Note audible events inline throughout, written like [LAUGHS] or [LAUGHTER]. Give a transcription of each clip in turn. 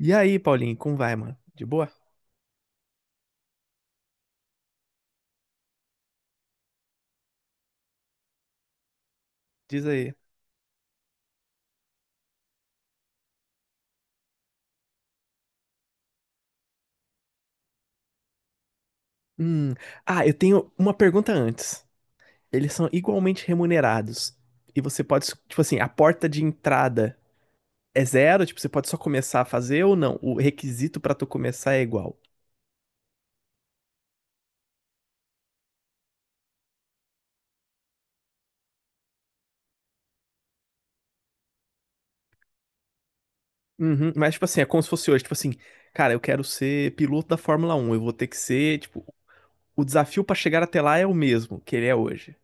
E aí, Paulinho, como vai, mano? De boa? Diz aí. Hum. Ah, eu tenho uma pergunta antes. Eles são igualmente remunerados. E você pode, tipo assim, a porta de entrada é zero? Tipo, você pode só começar a fazer ou não? O requisito pra tu começar é igual. Uhum. Mas, tipo assim, é como se fosse hoje. Tipo assim, cara, eu quero ser piloto da Fórmula Um. Eu vou ter que ser, tipo, o desafio pra chegar até lá é o mesmo que ele é hoje.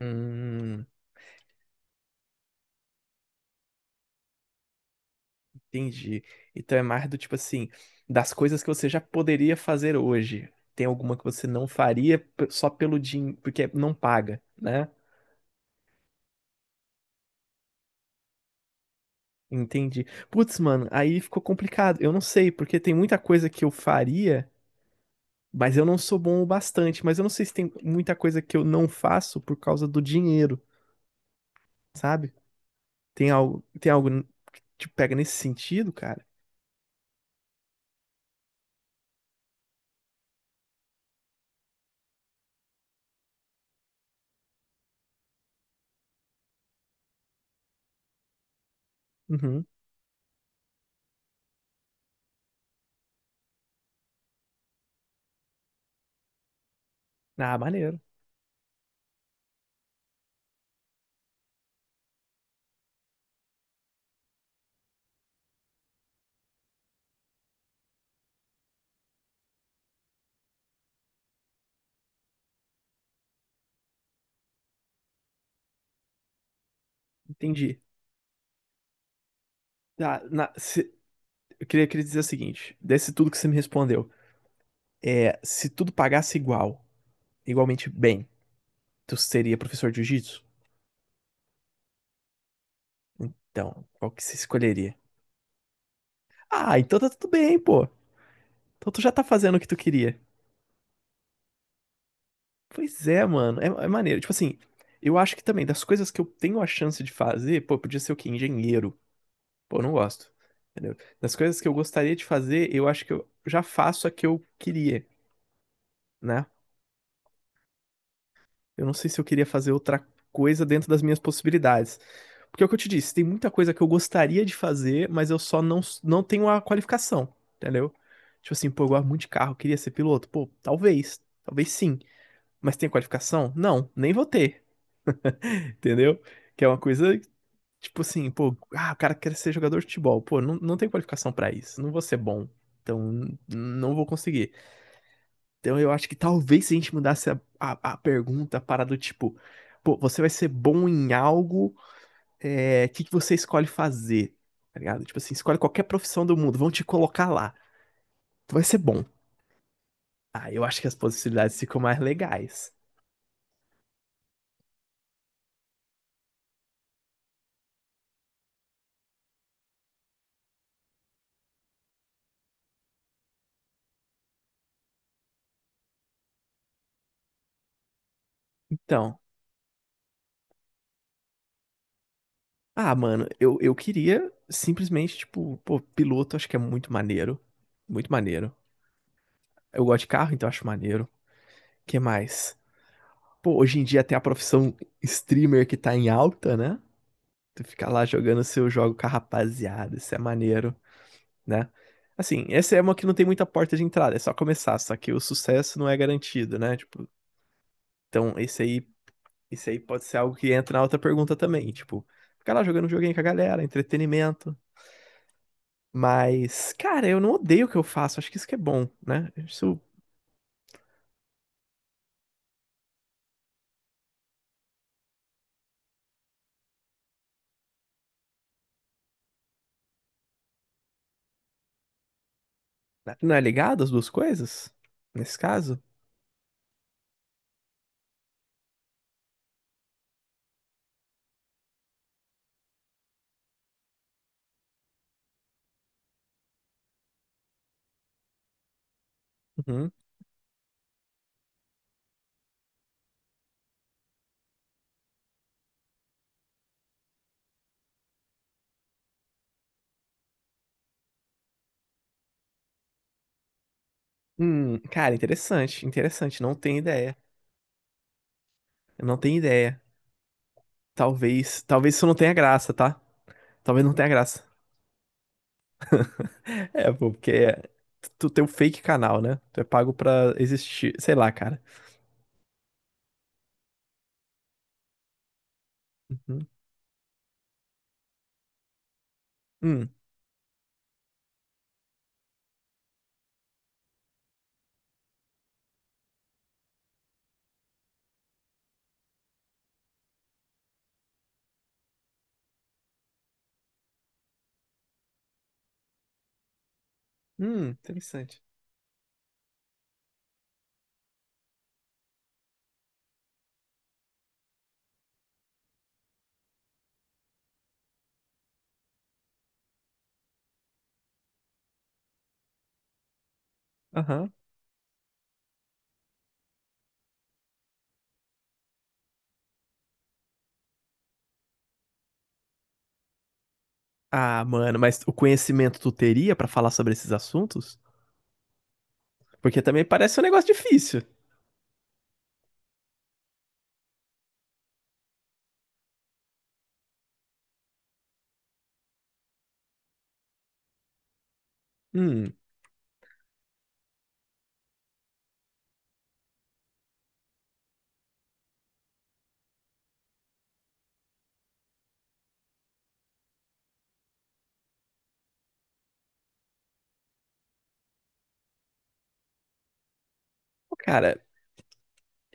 Hum. Entendi. Então é mais do tipo assim, das coisas que você já poderia fazer hoje. Tem alguma que você não faria só pelo dinheiro, porque não paga, né? Entendi. Putz, mano, aí ficou complicado. Eu não sei, porque tem muita coisa que eu faria, mas eu não sou bom o bastante. Mas eu não sei se tem muita coisa que eu não faço por causa do dinheiro, sabe? Tem algo que te pega nesse sentido, cara? Uhum. Ah, maneiro. Entendi. Tá, eu queria dizer o seguinte, desse tudo que você me respondeu. É, se tudo pagasse igual, igualmente bem, tu seria professor de jiu-jitsu? Então, qual que você escolheria? Ah, então tá tudo bem, pô. Então tu já tá fazendo o que tu queria. Pois é, mano. É, é maneiro. Tipo assim, eu acho que também, das coisas que eu tenho a chance de fazer, pô, podia ser o quê? Engenheiro. Pô, eu não gosto. Entendeu? Das coisas que eu gostaria de fazer, eu acho que eu já faço a que eu queria, né? Eu não sei se eu queria fazer outra coisa dentro das minhas possibilidades. Porque é o que eu te disse, tem muita coisa que eu gostaria de fazer, mas eu só não tenho a qualificação, entendeu? Tipo assim, pô, eu gosto muito de carro, queria ser piloto. Pô, talvez sim. Mas tem qualificação? Não, nem vou ter, entendeu? Que é uma coisa, tipo assim, pô, ah, o cara quer ser jogador de futebol. Pô, não tem qualificação pra isso, não vou ser bom. Então, não vou conseguir. Então eu acho que talvez se a gente mudasse a pergunta para do tipo, pô, você vai ser bom em algo, é, que você escolhe fazer? Tá ligado? Tipo assim, escolhe qualquer profissão do mundo, vão te colocar lá. Tu vai ser bom. Ah, eu acho que as possibilidades ficam mais legais. Então, ah, mano, eu queria simplesmente, tipo, pô, piloto acho que é muito maneiro. Muito maneiro. Eu gosto de carro, então acho maneiro. Que mais? Pô, hoje em dia tem a profissão streamer que tá em alta, né? Tu fica lá jogando seu jogo com a rapaziada, isso é maneiro, né? Assim, essa é uma que não tem muita porta de entrada, é só começar, só que o sucesso não é garantido, né? Tipo, então esse aí pode ser algo que entra na outra pergunta também, tipo, ficar lá jogando um joguinho com a galera, entretenimento. Mas, cara, eu não odeio o que eu faço, acho que isso que é bom, né? Isso não é ligado as duas coisas? Nesse caso? Uhum. Cara, interessante, não tenho ideia. Eu não tenho ideia. Talvez isso não tenha graça, tá? Talvez não tenha graça. É, pô, tu tem um fake canal, né? Tu é pago pra existir. Sei lá, cara. Uhum. Hum, interessante. Aham. Ah, mano, mas o conhecimento tu teria pra falar sobre esses assuntos? Porque também parece um negócio difícil. Hum. Pô, cara,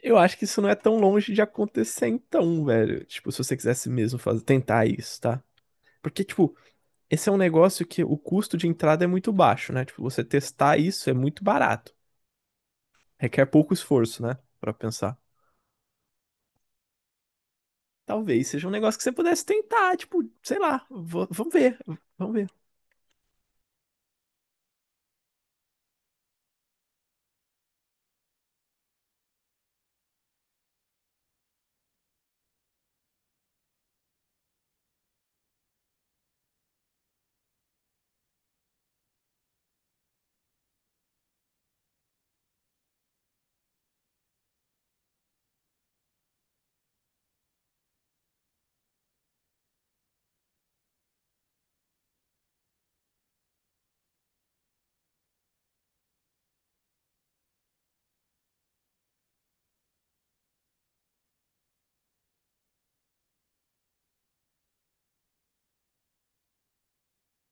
eu acho que isso não é tão longe de acontecer então, velho. Tipo, se você quisesse mesmo fazer, tentar isso, tá? Porque, tipo, esse é um negócio que o custo de entrada é muito baixo, né? Tipo, você testar isso é muito barato. Requer pouco esforço, né? Pra pensar. Talvez seja um negócio que você pudesse tentar, tipo, sei lá, vamos ver, vamos ver.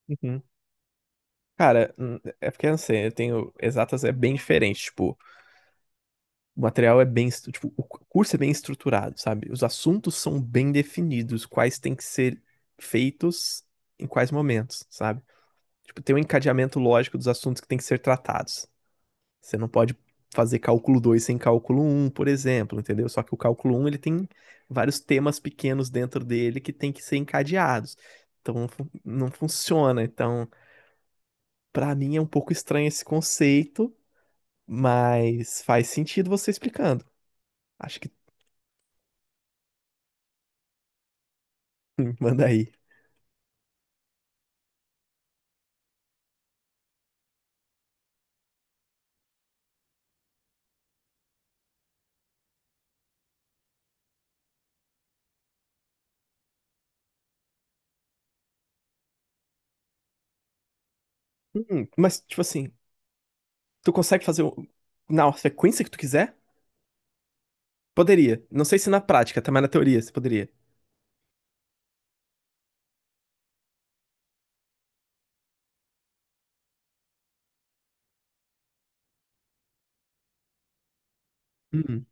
Uhum. Cara, é porque eu não sei, eu tenho exatas é bem diferente. Tipo, o material é tipo, o curso é bem estruturado, sabe? Os assuntos são bem definidos, quais têm que ser feitos em quais momentos, sabe? Tipo, tem um encadeamento lógico dos assuntos que têm que ser tratados. Você não pode fazer cálculo 2 sem cálculo um, por exemplo, entendeu? Só que o cálculo um ele tem vários temas pequenos dentro dele que têm que ser encadeados. Então, não funciona. Então, pra mim é um pouco estranho esse conceito, mas faz sentido você explicando. Acho que [LAUGHS] manda aí. Mas, tipo assim, tu consegue fazer na sequência que tu quiser? Poderia. Não sei se na prática, tá? Mas na teoria, você poderia. Hum,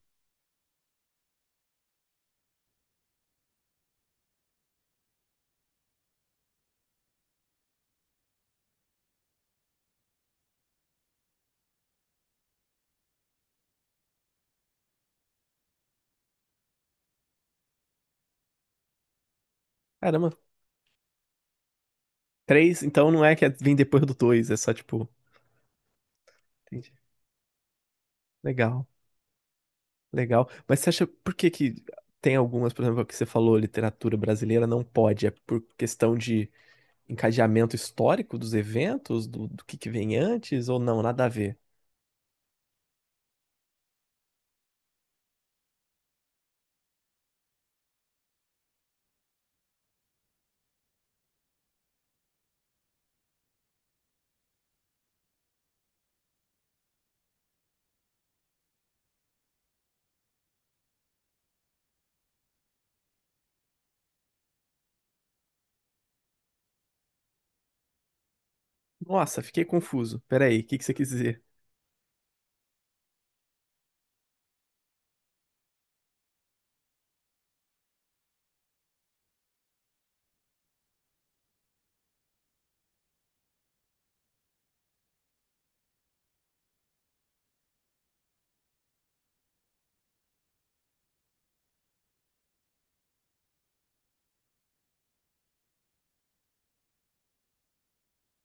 caramba. Três, então não é que é, vem depois do dois, é só tipo. Entendi. Legal, legal. Mas você acha por que que tem algumas, por exemplo, que você falou, literatura brasileira não pode? É por questão de encadeamento histórico dos eventos, do que vem antes, ou não? Nada a ver. Nossa, fiquei confuso. Peraí, o que que você quis dizer?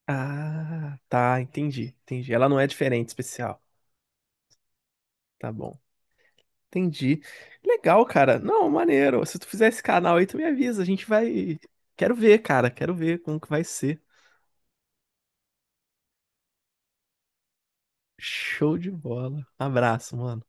Ah, tá, entendi. Ela não é diferente, especial. Tá bom. Entendi. Legal, cara. Não, maneiro. Se tu fizer esse canal aí, tu me avisa. A gente vai. Quero ver, cara. Quero ver como que vai ser. Show de bola. Abraço, mano.